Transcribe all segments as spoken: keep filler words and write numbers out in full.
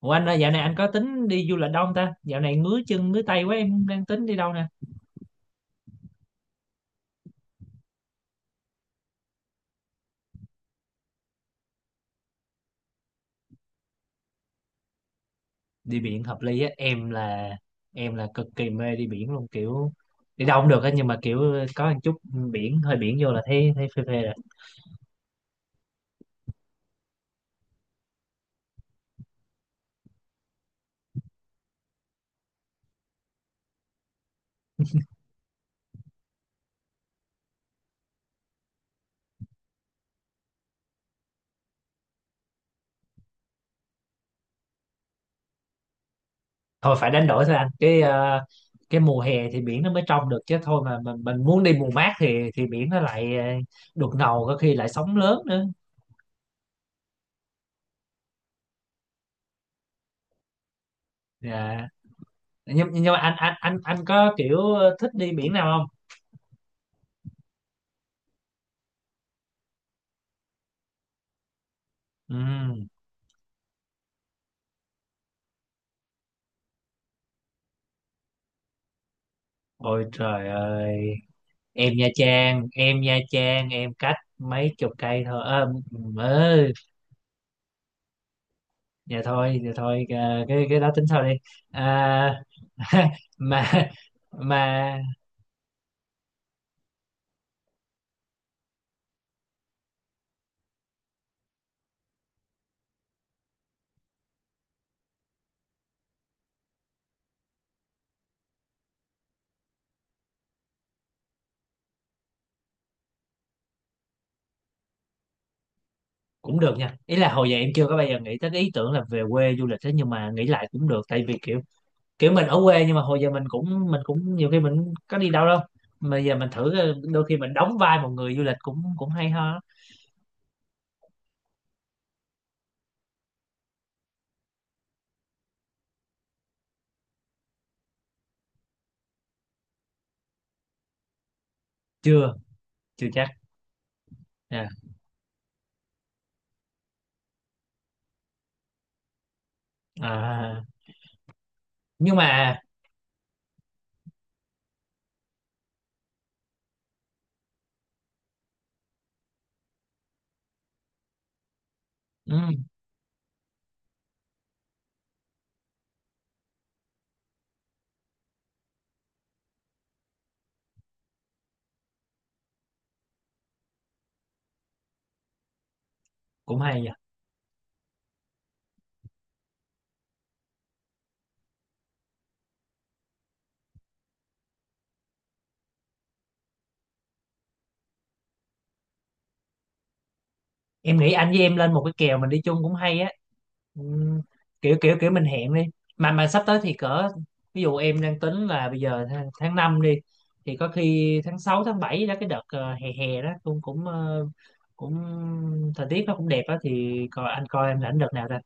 Ủa anh ơi, dạo này anh có tính đi du lịch đâu không ta? Dạo này ngứa chân ngứa tay quá em đang tính đi đâu nè? Đi biển hợp lý á, em là em là cực kỳ mê đi biển luôn, kiểu đi đâu cũng được á, nhưng mà kiểu có một chút biển, hơi biển vô là thấy thấy phê phê rồi. Thôi phải đánh đổi thôi anh. Cái ờ, cái mùa hè thì biển nó mới trong được, chứ thôi mà mình, mình muốn đi mùa mát thì thì biển nó lại ờ, đục ngầu, có khi lại sóng lớn nữa. Dạ. Nhưng nhưng mà anh anh anh anh có kiểu thích đi biển nào không? Ừ. Ôi trời ơi, em Nha Trang em Nha Trang em cách mấy chục cây thôi à, ừ, dạ thôi dạ thôi à, cái cái đó tính sau đi. À, mà mà cũng được nha, ý là hồi giờ em chưa có bao giờ nghĩ tới cái ý tưởng là về quê du lịch thế, nhưng mà nghĩ lại cũng được, tại vì kiểu kiểu mình ở quê nhưng mà hồi giờ mình cũng mình cũng nhiều khi mình cũng có đi đâu đâu, mà giờ mình thử ờ, đôi khi mình đóng vai một người du lịch cũng cũng hay ho chưa chưa chắc Dạ. À, nhưng mà ừ, cũng hay nhỉ. Em nghĩ anh với em lên một cái kèo mình đi chung cũng hay á. Ừm, kiểu kiểu kiểu mình hẹn đi, mà mà sắp tới thì cỡ, ví dụ em đang tính là bây giờ tháng, tháng năm đi, thì có khi tháng sáu tháng bảy đó, cái đợt ờ, hè hè đó cũng cũng ờ, cũng thời tiết nó cũng đẹp á, thì coi anh coi em rảnh đợt nào ra.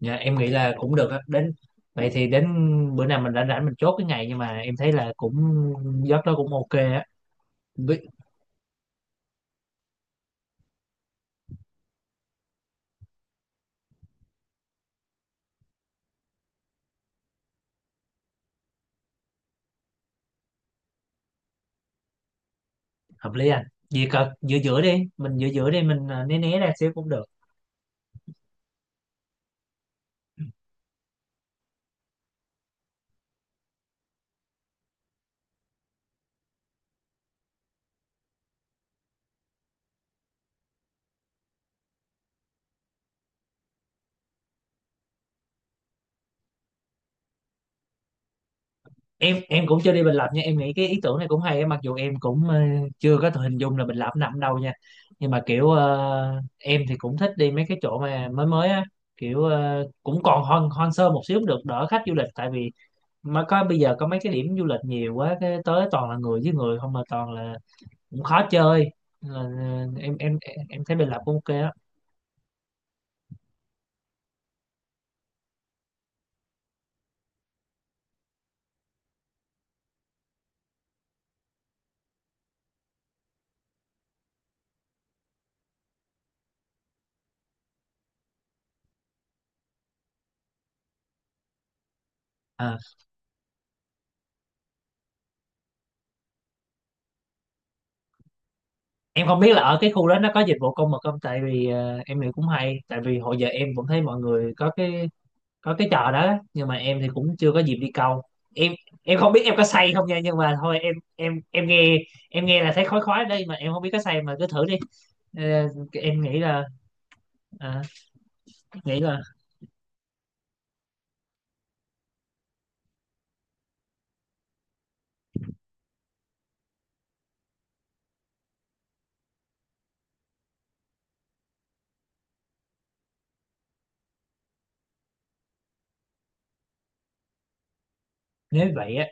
Dạ, em nghĩ là cũng được á. Đến vậy thì đến bữa nào mình rảnh rảnh mình chốt cái ngày, nhưng mà em thấy là cũng giấc đó cũng ok á. Với- hợp lý anh, gì cỡ giữa giữa đi mình giữa giữa đi mình ờ, né né ra xíu cũng được. Em em cũng chưa đi Bình Lập nha, em nghĩ cái ý tưởng này cũng hay á, mặc dù em cũng ờ, chưa có thể hình dung là Bình Lập nằm đâu nha, nhưng mà kiểu ờ, em thì cũng thích đi mấy cái chỗ mà mới mới á, kiểu ờ, cũng còn hoang hoang sơ một xíu cũng được, đỡ khách du lịch. Tại vì mà có bây giờ có mấy cái điểm du lịch nhiều quá, cái tới toàn là người với người không, mà toàn là cũng khó chơi. Nên là ờ, em em em em thấy Bình Lập cũng ok á. À, em không biết là ở cái khu đó nó có dịch vụ công mực không, tại vì ờ, em nghĩ cũng hay, tại vì hồi giờ em cũng thấy mọi người có cái có cái trò đó, nhưng mà em thì cũng chưa có dịp đi câu. Em em không biết em có say không nha, nhưng mà thôi em em em nghe, em nghe là thấy khói khói đây mà em không biết có say, mà cứ thử đi. Ờ, em nghĩ là à, nghĩ là nếu vậy á,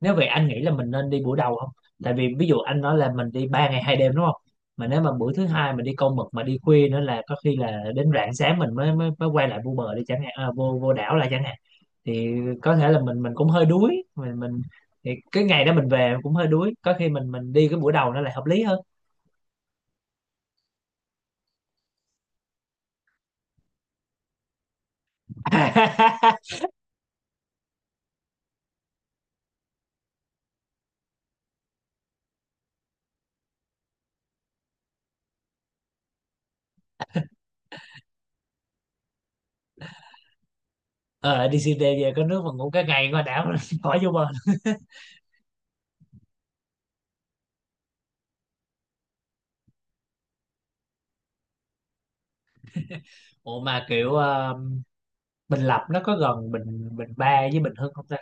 nếu vậy anh nghĩ là mình nên đi buổi đầu không, tại vì ví dụ anh nói là mình đi ba ngày hai đêm đúng không, mà nếu mà buổi thứ hai mình đi câu mực mà đi khuya nữa là có khi là đến rạng sáng mình mới mới, mới quay lại vô bờ đi chẳng hạn, à, vô vô đảo lại chẳng hạn, thì có thể là mình mình cũng hơi đuối mình mình Thì cái ngày đó mình về cũng hơi đuối, có khi mình mình đi cái buổi đầu nó lại hợp lý hơn. Ờ đi xê tê về có nước mà ngủ cái ngày qua đảo. Khỏi vô bờ. Ủa mà kiểu ờ, Bình Lập nó có gần Bình Bình Ba với Bình Hưng không ta?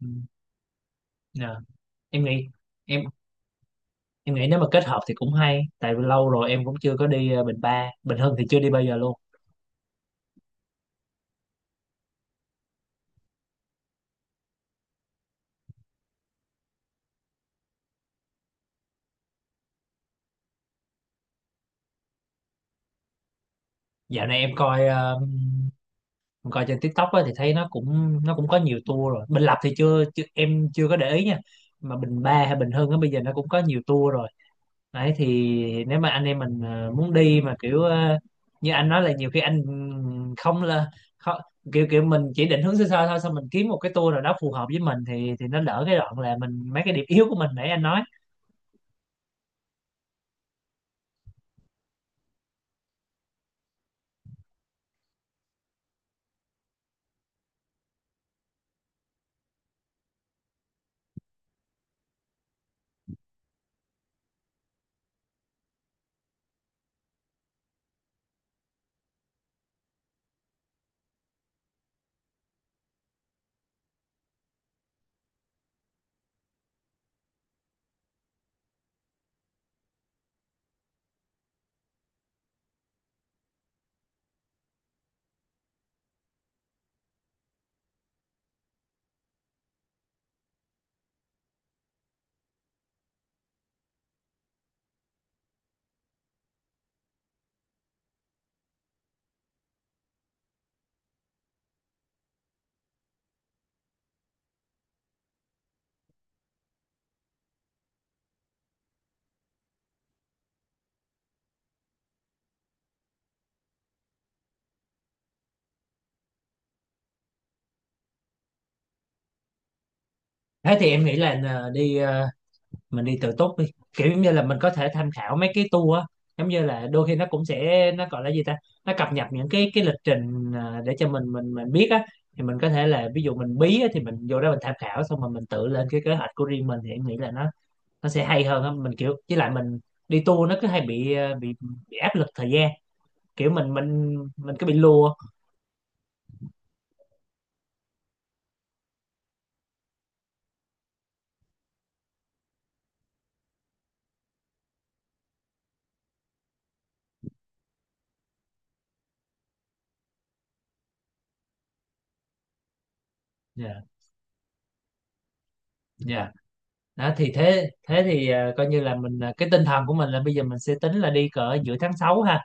Ừ. Ờ. em nghĩ em em nghĩ nếu mà kết hợp thì cũng hay, tại vì lâu rồi em cũng chưa có đi ờ, Bình Ba, Bình Hưng thì chưa đi bao giờ luôn. Dạo này em coi ờ, em coi trên TikTok á, thì thấy nó cũng nó cũng có nhiều tour rồi. Bình Lập thì chưa, chưa em chưa có để ý nha, mà Bình Ba hay Bình Hưng á, bây giờ nó cũng có nhiều tour rồi. Đấy thì nếu mà anh em mình ờ, muốn đi mà kiểu ờ, như anh nói là nhiều khi anh ừ, không là khó- kiểu kiểu mình chỉ định hướng sơ sơ thôi, xong mình kiếm một cái tour nào đó phù hợp với mình thì thì nó đỡ cái đoạn là mình mấy cái điểm yếu của mình nãy anh nói. Thế thì em nghĩ là nờ, đi ờ, mình đi tự túc đi, kiểu giống như là mình có thể tham khảo mấy cái tour á, giống như là đôi khi nó cũng sẽ nó gọi là gì ta, nó cập nhật những cái cái lịch trình ờ, để cho mình mình mình biết á, thì mình có thể là ví dụ mình bí á, thì mình vô đó mình tham khảo xong rồi mình tự lên cái kế hoạch của riêng mình, thì em nghĩ là nó nó sẽ hay hơn á. Mình kiểu với lại mình đi tour nó cứ hay bị ờ, bị bị áp lực thời gian, kiểu mình mình mình cứ bị lùa. Dạ, dạ. Đó thì thế thế thì à, coi như là mình à, cái tinh thần của mình là bây giờ mình sẽ tính là đi cỡ giữa tháng sáu ha,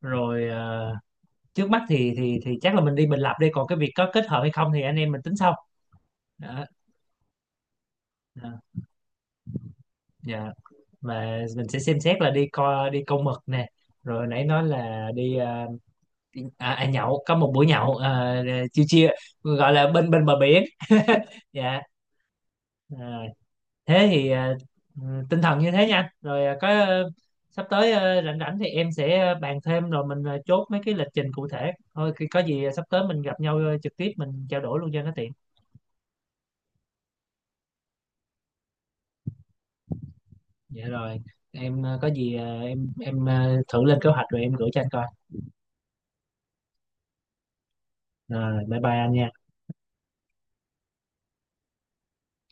rồi à, trước mắt thì thì thì chắc là mình đi Bình Lập đi, còn cái việc có kết hợp hay không thì anh em mình tính sau. Đó, đó. Dạ. Và mình sẽ xem xét là đi co đi câu mực nè, rồi nãy nói là đi à, đi- à, à, nhậu có một buổi nhậu à, chiêu chiêu gọi là bên bên bờ biển Dạ. À, thế thì ờ, tinh thần như thế nha anh. Rồi ờ, có ờ, sắp tới ờ, rảnh rảnh thì em sẽ ờ, bàn thêm, rồi mình ờ, chốt mấy cái lịch trình cụ thể thôi. Khi có gì ờ, sắp tới mình gặp nhau ờ, trực tiếp mình trao đổi luôn cho nó tiện. Dạ rồi, em ờ, có gì ờ, em em ờ, thử lên kế hoạch rồi em gửi cho anh coi. Rồi bye bye anh nha.